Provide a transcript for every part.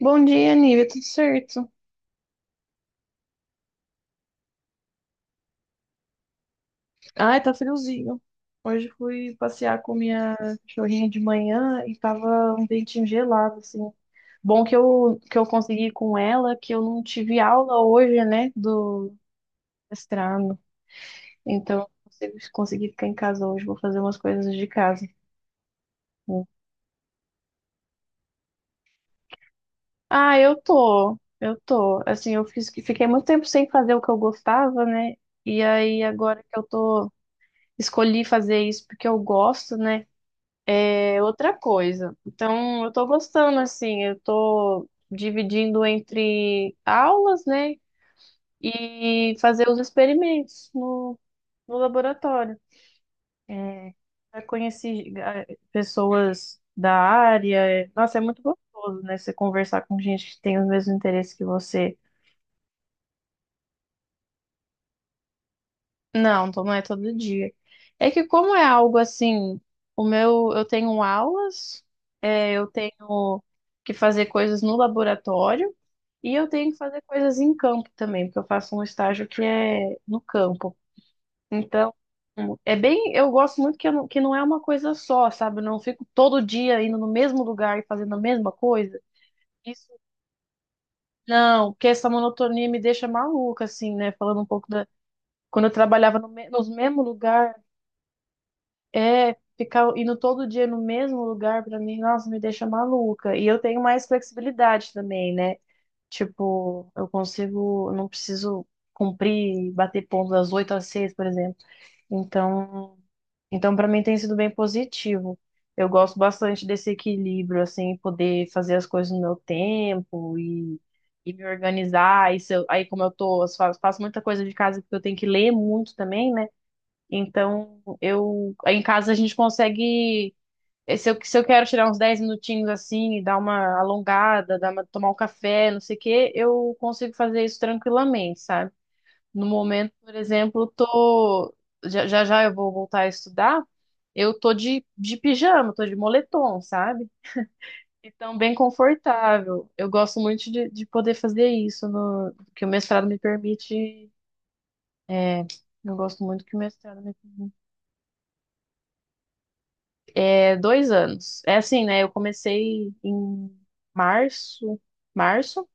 Bom dia, Nívia, tudo certo? Ai, tá friozinho. Hoje fui passear com minha cachorrinha de manhã e tava um ventinho gelado, assim. Bom que eu consegui com ela, que eu não tive aula hoje, né, do mestrado. Então, consegui ficar em casa hoje, vou fazer umas coisas de casa. Ah, eu tô. Assim, fiquei muito tempo sem fazer o que eu gostava, né? E aí, agora que eu tô, escolhi fazer isso porque eu gosto, né? É outra coisa. Então, eu tô gostando, assim, eu tô dividindo entre aulas, né, e fazer os experimentos no laboratório. É, já conheci pessoas da área. Nossa, é muito gostoso, né, você conversar com gente que tem os mesmos interesses que você. Não, então não é todo dia. É que como é algo assim, eu tenho aulas, eu tenho que fazer coisas no laboratório e eu tenho que fazer coisas em campo também, porque eu faço um estágio que é no campo. Então, é bem, eu gosto muito que, eu que não é uma coisa só, sabe? Eu não fico todo dia indo no mesmo lugar e fazendo a mesma coisa. Isso não, porque essa monotonia me deixa maluca, assim, né? Falando um pouco da. Quando eu trabalhava no, me- nos mesmo lugar. É, ficar indo todo dia no mesmo lugar pra mim, nossa, me deixa maluca. E eu tenho mais flexibilidade também, né? Tipo, eu não preciso cumprir, bater ponto das 8 às 6, por exemplo. Então, então, para mim tem sido bem positivo. Eu gosto bastante desse equilíbrio, assim, poder fazer as coisas no meu tempo e me organizar. E se eu- aí, como eu tô, eu faço muita coisa de casa porque eu tenho que ler muito também, né? Então, eu em casa a gente consegue. Se eu quero tirar uns 10 minutinhos assim, e dar uma alongada, tomar um café, não sei o quê, eu consigo fazer isso tranquilamente, sabe? No momento, por exemplo, tô. Já já, já eu vou voltar a estudar, eu tô de pijama, tô de moletom, sabe? Então, bem confortável. Eu gosto muito de poder fazer isso, no, que o mestrado me permite. É, eu gosto muito que o mestrado me permite. É 2 anos. É assim, né? Eu comecei em março, março,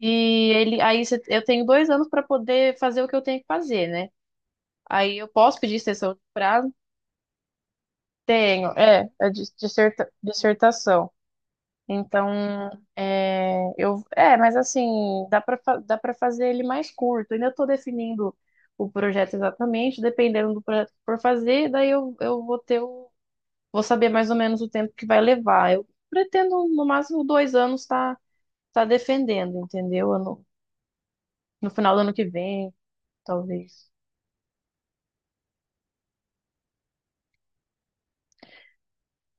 e eu tenho 2 anos para poder fazer o que eu tenho que fazer, né? Aí eu posso pedir extensão de prazo? Tenho, dissertação. Então, mas assim, dá para dá para fazer ele mais curto. Ainda estou definindo o projeto exatamente, dependendo do projeto que for fazer, daí eu vou ter o. Vou saber mais ou menos o tempo que vai levar. Eu pretendo, no máximo, 2 anos tá defendendo, entendeu? No final do ano que vem, talvez.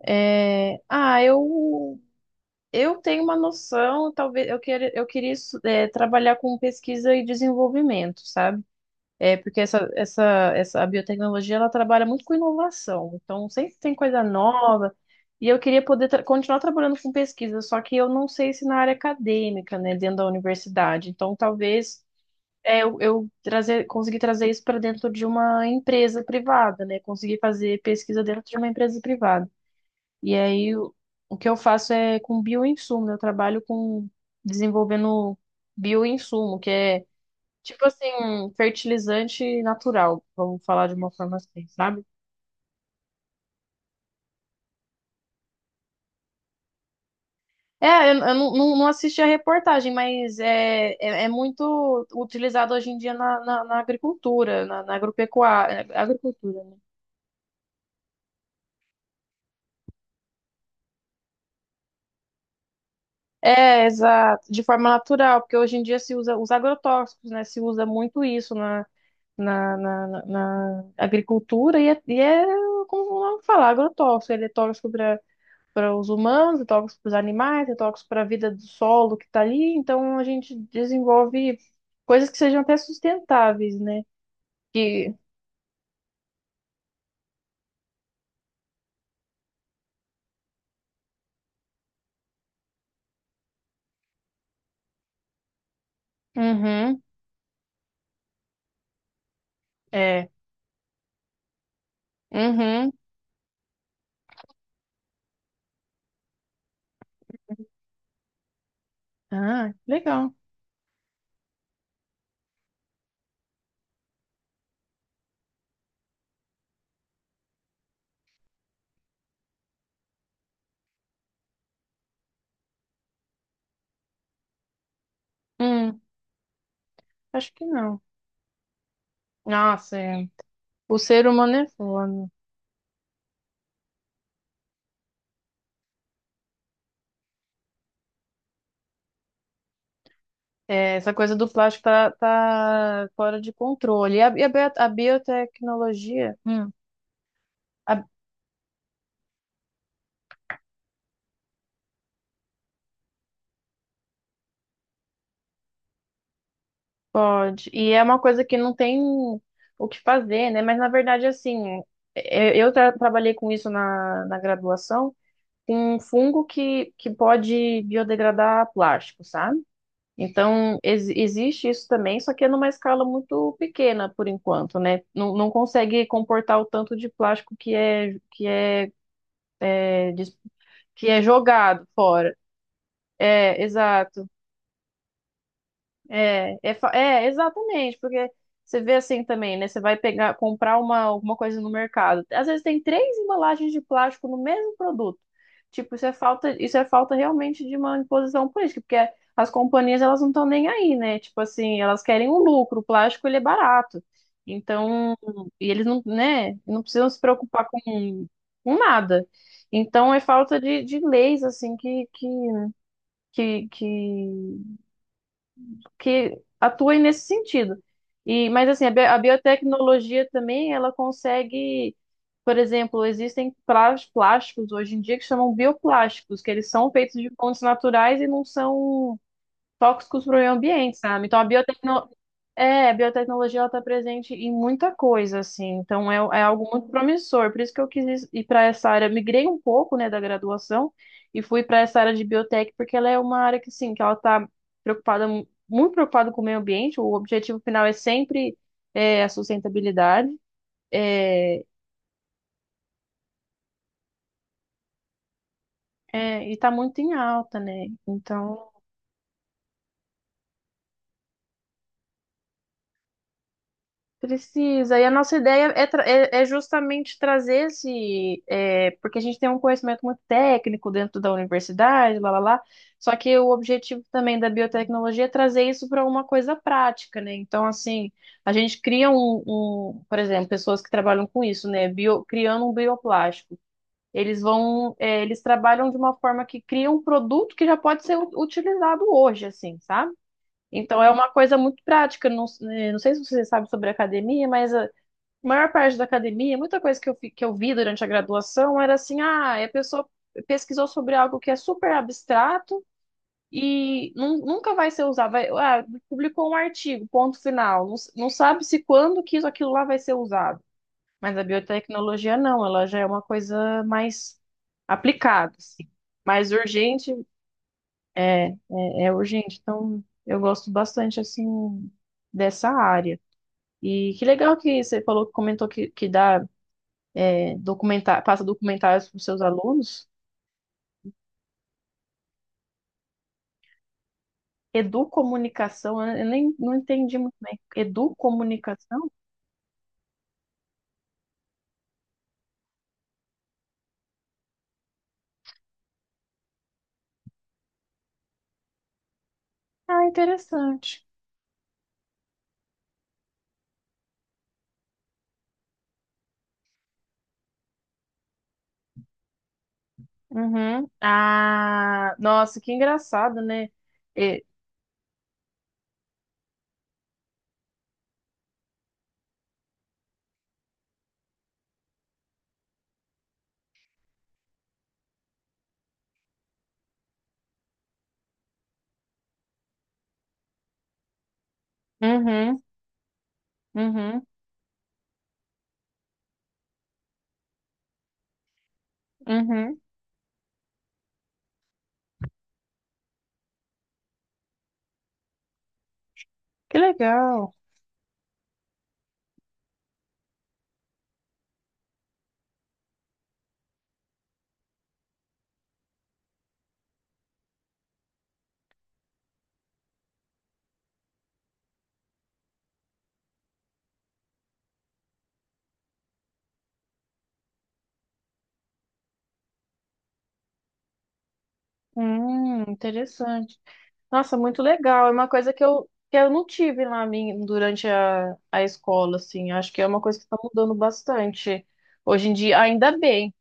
É, eu tenho uma noção, talvez eu queira, eu queria estu- é, trabalhar com pesquisa e desenvolvimento, sabe? É porque essa a biotecnologia ela trabalha muito com inovação, então sempre tem coisa nova. E eu queria poder continuar trabalhando com pesquisa, só que eu não sei se na área acadêmica, né, dentro da universidade. Então talvez eu trazer, conseguir trazer isso para dentro de uma empresa privada, né, conseguir fazer pesquisa dentro de uma empresa privada. E aí o que eu faço é com bioinsumo, eu trabalho com desenvolvendo bioinsumo, que é. Tipo assim, fertilizante natural, vamos falar de uma forma assim, sabe? É, eu não, não- não assisti a reportagem, mas é muito utilizado hoje em dia na, na agricultura, na agropecuária, agricultura, né? É, exato, de forma natural, porque hoje em dia se usa os agrotóxicos, né? Se usa muito isso na agricultura e é como vamos falar, agrotóxico, ele é tóxico para os humanos, é tóxico para os animais, é tóxico para a vida do solo que está ali. Então a gente desenvolve coisas que sejam até sustentáveis, né? Que. Uhum, é, uhum. Ah, legal. Hum, acho que não. Nossa, é. O ser humano é foda. É, essa coisa do plástico tá, tá fora de controle. A biotecnologia, a Pode. E é uma coisa que não tem o que fazer, né? Mas na verdade, assim, eu trabalhei com isso na, na graduação, com um fungo que pode biodegradar plástico, sabe? Então, existe isso também, só que é numa escala muito pequena por enquanto, né? Não, não consegue comportar o tanto de plástico que é, dis- que é jogado fora. É, exato. Exatamente, porque você vê assim também, né? Você vai pegar, comprar alguma coisa no mercado. Às vezes tem 3 embalagens de plástico no mesmo produto. Tipo, isso é falta realmente de uma imposição política, porque as companhias elas não estão nem aí, né? Tipo assim, elas querem o lucro, o plástico ele é barato. Então, e eles não, né, não precisam se preocupar com nada. Então, é falta de leis, assim, que, que que atuem nesse sentido. E, mas assim, a biotecnologia também, ela consegue, por exemplo, existem plásticos hoje em dia que chamam bioplásticos, que eles são feitos de fontes naturais e não são tóxicos para o meio ambiente, sabe? Então a biotecnologia ela está presente em muita coisa, assim, então é, é algo muito promissor. Por isso que eu quis ir para essa área, migrei um pouco, né, da graduação e fui para essa área de biotech, porque ela é uma área que, sim, que ela está preocupada, muito preocupada com o meio ambiente. O objetivo final é sempre é a sustentabilidade, é, e está muito em alta, né? Então. Precisa. E a nossa ideia é, é justamente trazer esse. É, porque a gente tem um conhecimento muito técnico dentro da universidade, lá, lá, lá. Só que o objetivo também da biotecnologia é trazer isso para uma coisa prática, né? Então, assim, a gente cria por exemplo, pessoas que trabalham com isso, né? Bio, criando um bioplástico. Eles vão, é, eles trabalham de uma forma que cria um produto que já pode ser utilizado hoje, assim, sabe? Então é uma coisa muito prática. Não, não sei se você sabe sobre academia, mas a maior parte da academia, muita coisa que que eu vi durante a graduação era assim: ah, a pessoa pesquisou sobre algo que é super abstrato e nunca vai ser usado. Vai, publicou um artigo, ponto final. Não, não sabe se quando que isso, aquilo lá vai ser usado. Mas a biotecnologia não, ela já é uma coisa mais aplicada, assim, mais urgente, é urgente. Então, eu gosto bastante, assim, dessa área. E que legal que você falou, comentou que dá, passa documentários para os seus alunos. Educomunicação, eu nem não entendi muito bem. Educomunicação? Ah, interessante. Uhum. Ah, nossa, que engraçado, né? É, uhum, uhum, uhum. Que legal. Interessante. Nossa, muito legal. É uma coisa que que eu não tive lá durante a escola, assim. Acho que é uma coisa que está mudando bastante hoje em dia. Ainda bem,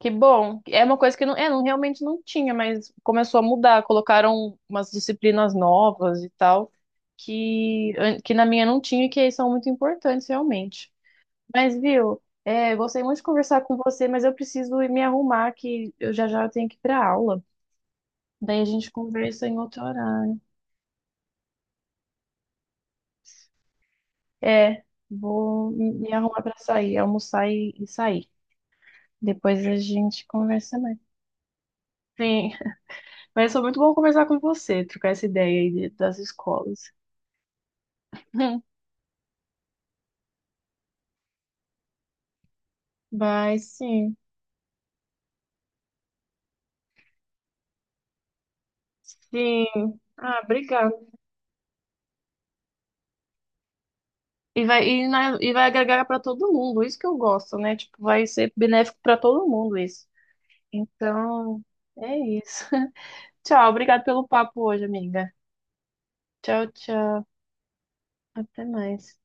que bom. É uma coisa que não, é, não, realmente não tinha, mas começou a mudar. Colocaram umas disciplinas novas e tal, que, que na minha não tinha e que são muito importantes, realmente. Mas, viu, é, gostei muito de conversar com você, mas eu preciso ir me arrumar, que eu já já tenho que ir para aula. Daí a gente conversa em outro horário. É, vou me arrumar pra sair, almoçar e sair. Depois a gente conversa mais. Sim, mas foi muito bom conversar com você, trocar essa ideia aí das escolas. Mas sim, sim. Ah, obrigada. E vai agregar para todo mundo, isso que eu gosto, né? Tipo, vai ser benéfico para todo mundo isso. Então, é isso. Tchau, obrigado pelo papo hoje, amiga. Tchau, tchau. Até mais.